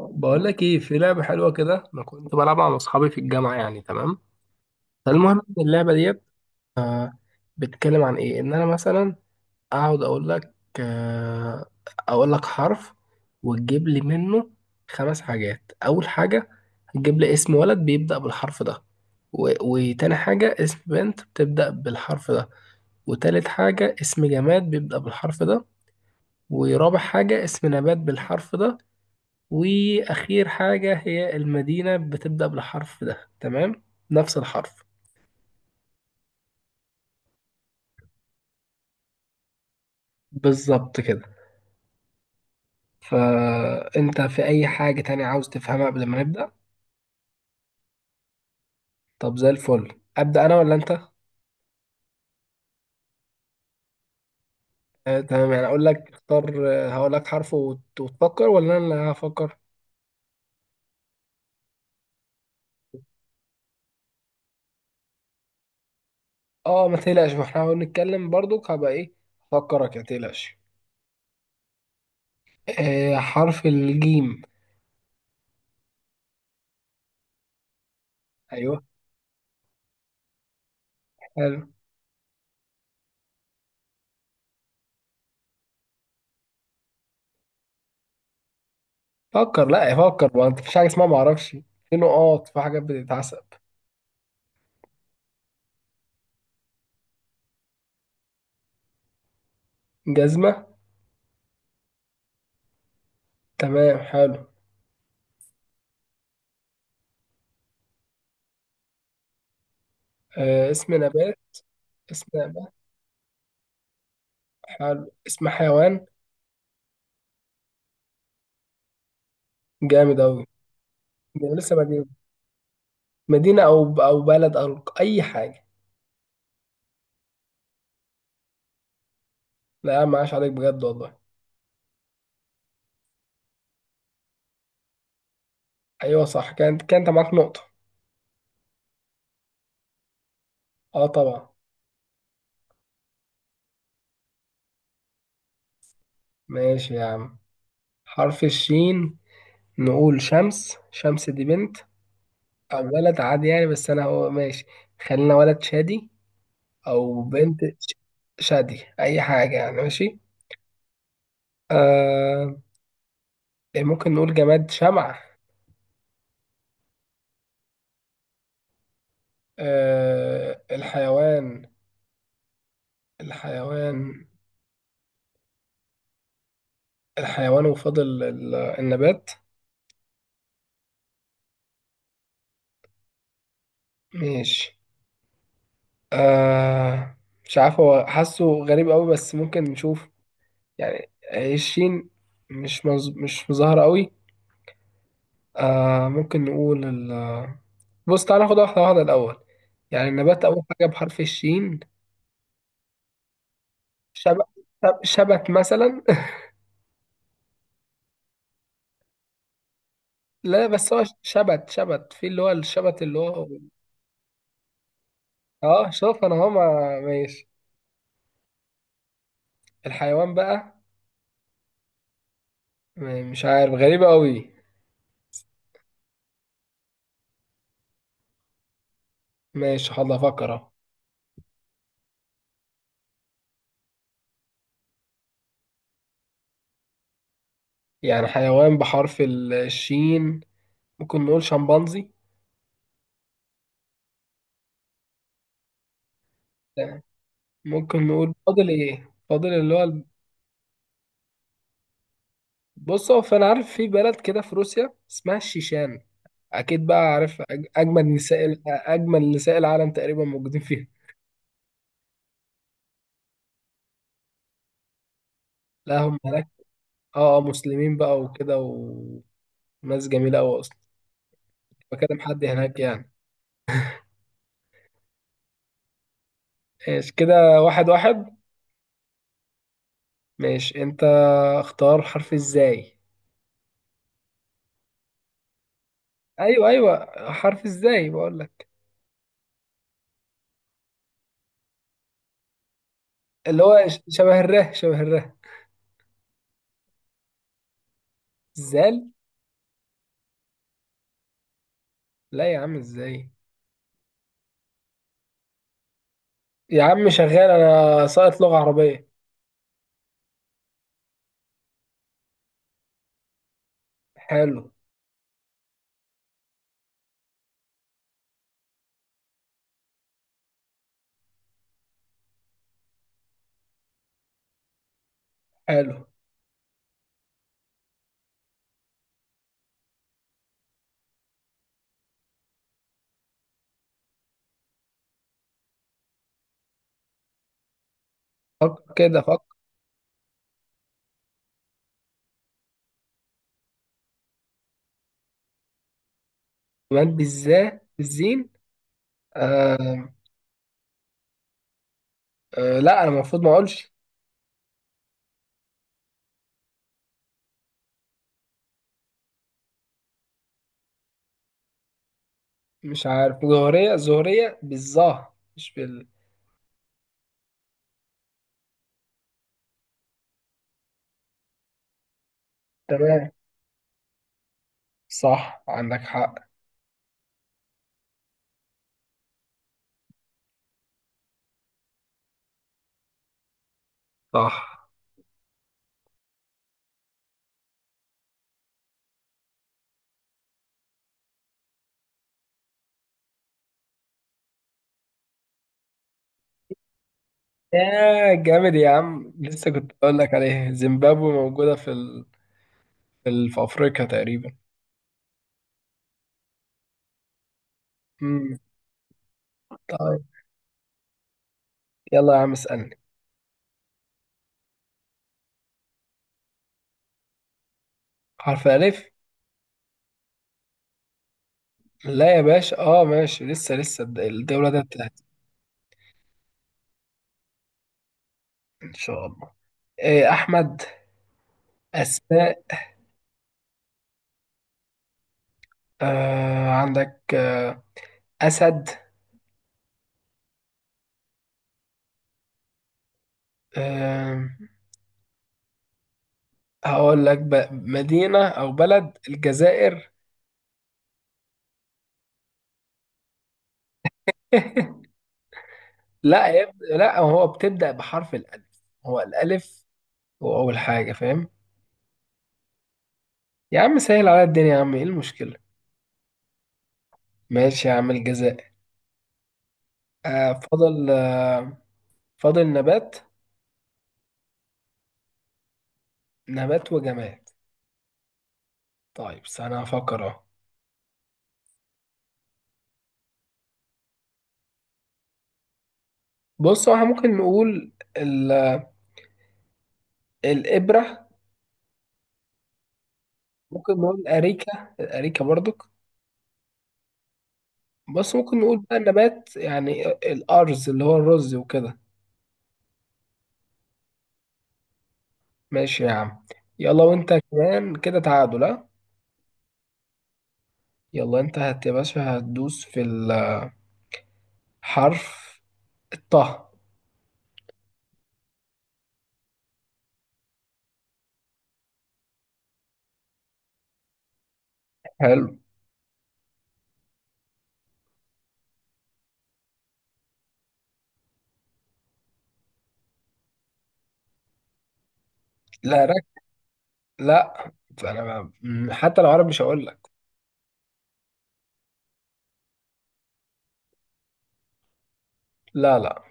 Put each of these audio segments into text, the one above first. بقول لك ايه، في لعبه حلوه كده انا كنت بلعبها مع اصحابي في الجامعه، يعني تمام. فالمهم إن اللعبه ديت آه بتتكلم عن ايه، ان انا مثلا اقعد اقول لك. آه اقول لك حرف وتجيب لي منه خمس حاجات. اول حاجه هتجيب لي اسم ولد بيبدا بالحرف ده، وتاني حاجه اسم بنت بتبدا بالحرف ده، وتالت حاجه اسم جماد بيبدا بالحرف ده، ورابع حاجه اسم نبات بالحرف ده، واخير حاجة هي المدينة بتبدأ بالحرف ده. تمام، نفس الحرف. بالظبط كده. فانت في اي حاجة تانية عاوز تفهمها قبل ما نبدأ؟ طب زي الفل، ابدأ انا ولا انت؟ تمام، يعني اقول لك اختار. آه، هقول لك حرف وتفكر ولا انا اللي هفكر؟ اه ما تقلقش، ما احنا بنتكلم برضك. هبقى ايه، افكرك، ما تقلقش. آه، حرف الجيم. ايوه. حلو. فكر، لا فكر، ما انت مفيش حاجة اسمها ما اعرفش، في نقاط، في حاجات بتتعسب. جزمة. تمام، حلو. آه اسم نبات. اسم نبات. حلو. اسم حيوان. جامد أوي. ده أنا لسه مدينة. مدينة أو أو بلد أو أي حاجة. لا ما عاش عليك بجد والله. أيوة صح، كانت معاك نقطة. أه طبعا. ماشي يا عم. حرف الشين. نقول شمس، شمس دي بنت أو ولد عادي يعني، بس أنا هو ماشي. خلينا ولد شادي أو بنت شادي، أي حاجة يعني، ماشي. آه، ممكن نقول جماد شمعة. آه الحيوان. الحيوان. الحيوان، وفضل النبات. ماشي. آه، مش عارف هو حاسه غريب قوي، بس ممكن نشوف. يعني هي الشين مش مظاهرة قوي. آه ممكن نقول ال... بص تعالى ناخد واحدة واحدة الأول. يعني النبات أول حاجة بحرف الشين. شبت، شبت مثلا لا بس هو شبت، شبت في اللي هو الشبت اللي هو. اه شوف انا هو ماشي. الحيوان بقى. مش عارف غريبة قوي. ماشي حاضر، افكر اهو. يعني حيوان بحرف الشين، ممكن نقول شمبانزي. لا، ممكن نقول فاضل ايه، فاضل اللي هو بص هو، فانا عارف في بلد كده في روسيا اسمها الشيشان، اكيد بقى عارف. اجمل نساء اجمل نساء العالم تقريبا موجودين فيها. لا هم هناك. اه آه، مسلمين بقى وكده وناس جميلة قوي اصلا. بكلم حد هناك يعني. ماشي كده واحد واحد. ماشي انت، اختار حرف ازاي. ايوه ايوه، حرف ازاي بقول لك. اللي هو شبه الره، شبه الره. زال. لا يا عم ازاي، يا عم شغال انا، ساقط لغة عربية. حلو. حلو. فكر كده، فكر. كمان بالزين. آه. آه لا انا المفروض ما اقولش. مش عارف، زهرية، زهرية بالظا مش بال. تمام، صح عندك حق. صح. يا جامد يا عم، لسه كنت بقول لك عليه زيمبابوي موجودة في ال... في في افريقيا تقريبا. امم يلا يا عم اسألني. حرف الألف. لا يا باشا، اه ماشي، لسه لسه الدولة دي بتاعتي. ان شاء الله. إيه، أحمد. أسماء. آه عندك آه. أسد. آه هقول لك مدينة أو بلد، الجزائر. لا يا ابني لا، هو بتبدأ بحرف الألف، هو الألف هو أول حاجة، فاهم؟ يا عم سهل على الدنيا، يا عم ايه المشكلة. ماشي يا عم، الجزائر. آه فضل، آه فضل نبات. نبات وجماد. طيب استنى افكر اهو. بص هو احنا ممكن نقول ال... الابره. ممكن نقول الاريكه، الاريكه برضك. بس ممكن نقول بقى النبات يعني الارز اللي هو الرز وكده. ماشي يا عم. يلا، وانت كمان كده تعادل، ها. يلا انت هت يا باشا، هتدوس في الحرف الطه. حلو. لا رك... لا، انا حتى لو عربي مش هقول لك. لا لا.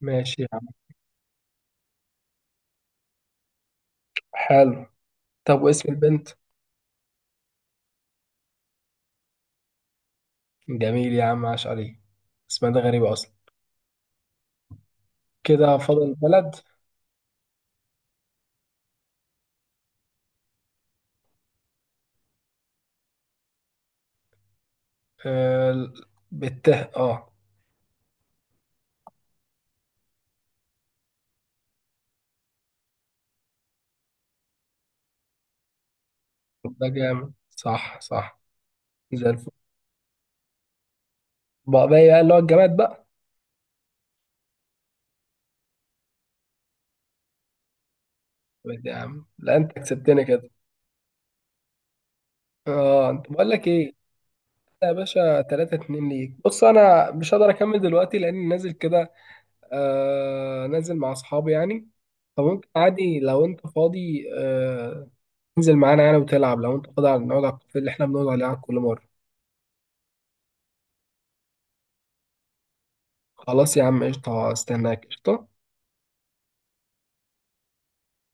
ماشي يا عم. حلو. طب واسم البنت؟ جميل يا عم، عاش عليه. اسمها ده غريبة أصلا. كده فاضل بلد. آه بالته، اه. ده جامد، صح صح. زي الفل. بقى، بقى إيه، بقى اللي هو الجماد بقى. طب يا عم لا، انت كسبتني كده. اه، انت بقول لك ايه. أنت يا باشا 3-2 ليك. بص انا مش هقدر اكمل دلوقتي لاني نازل كده، آه نازل مع اصحابي يعني. فممكن عادي لو انت فاضي، آه تنزل معانا يعني وتلعب، لو انت فاضي، على نقعد على الكافيه اللي احنا بنقعد عليه على كل مره. خلاص يا عم قشطه، استناك قشطه.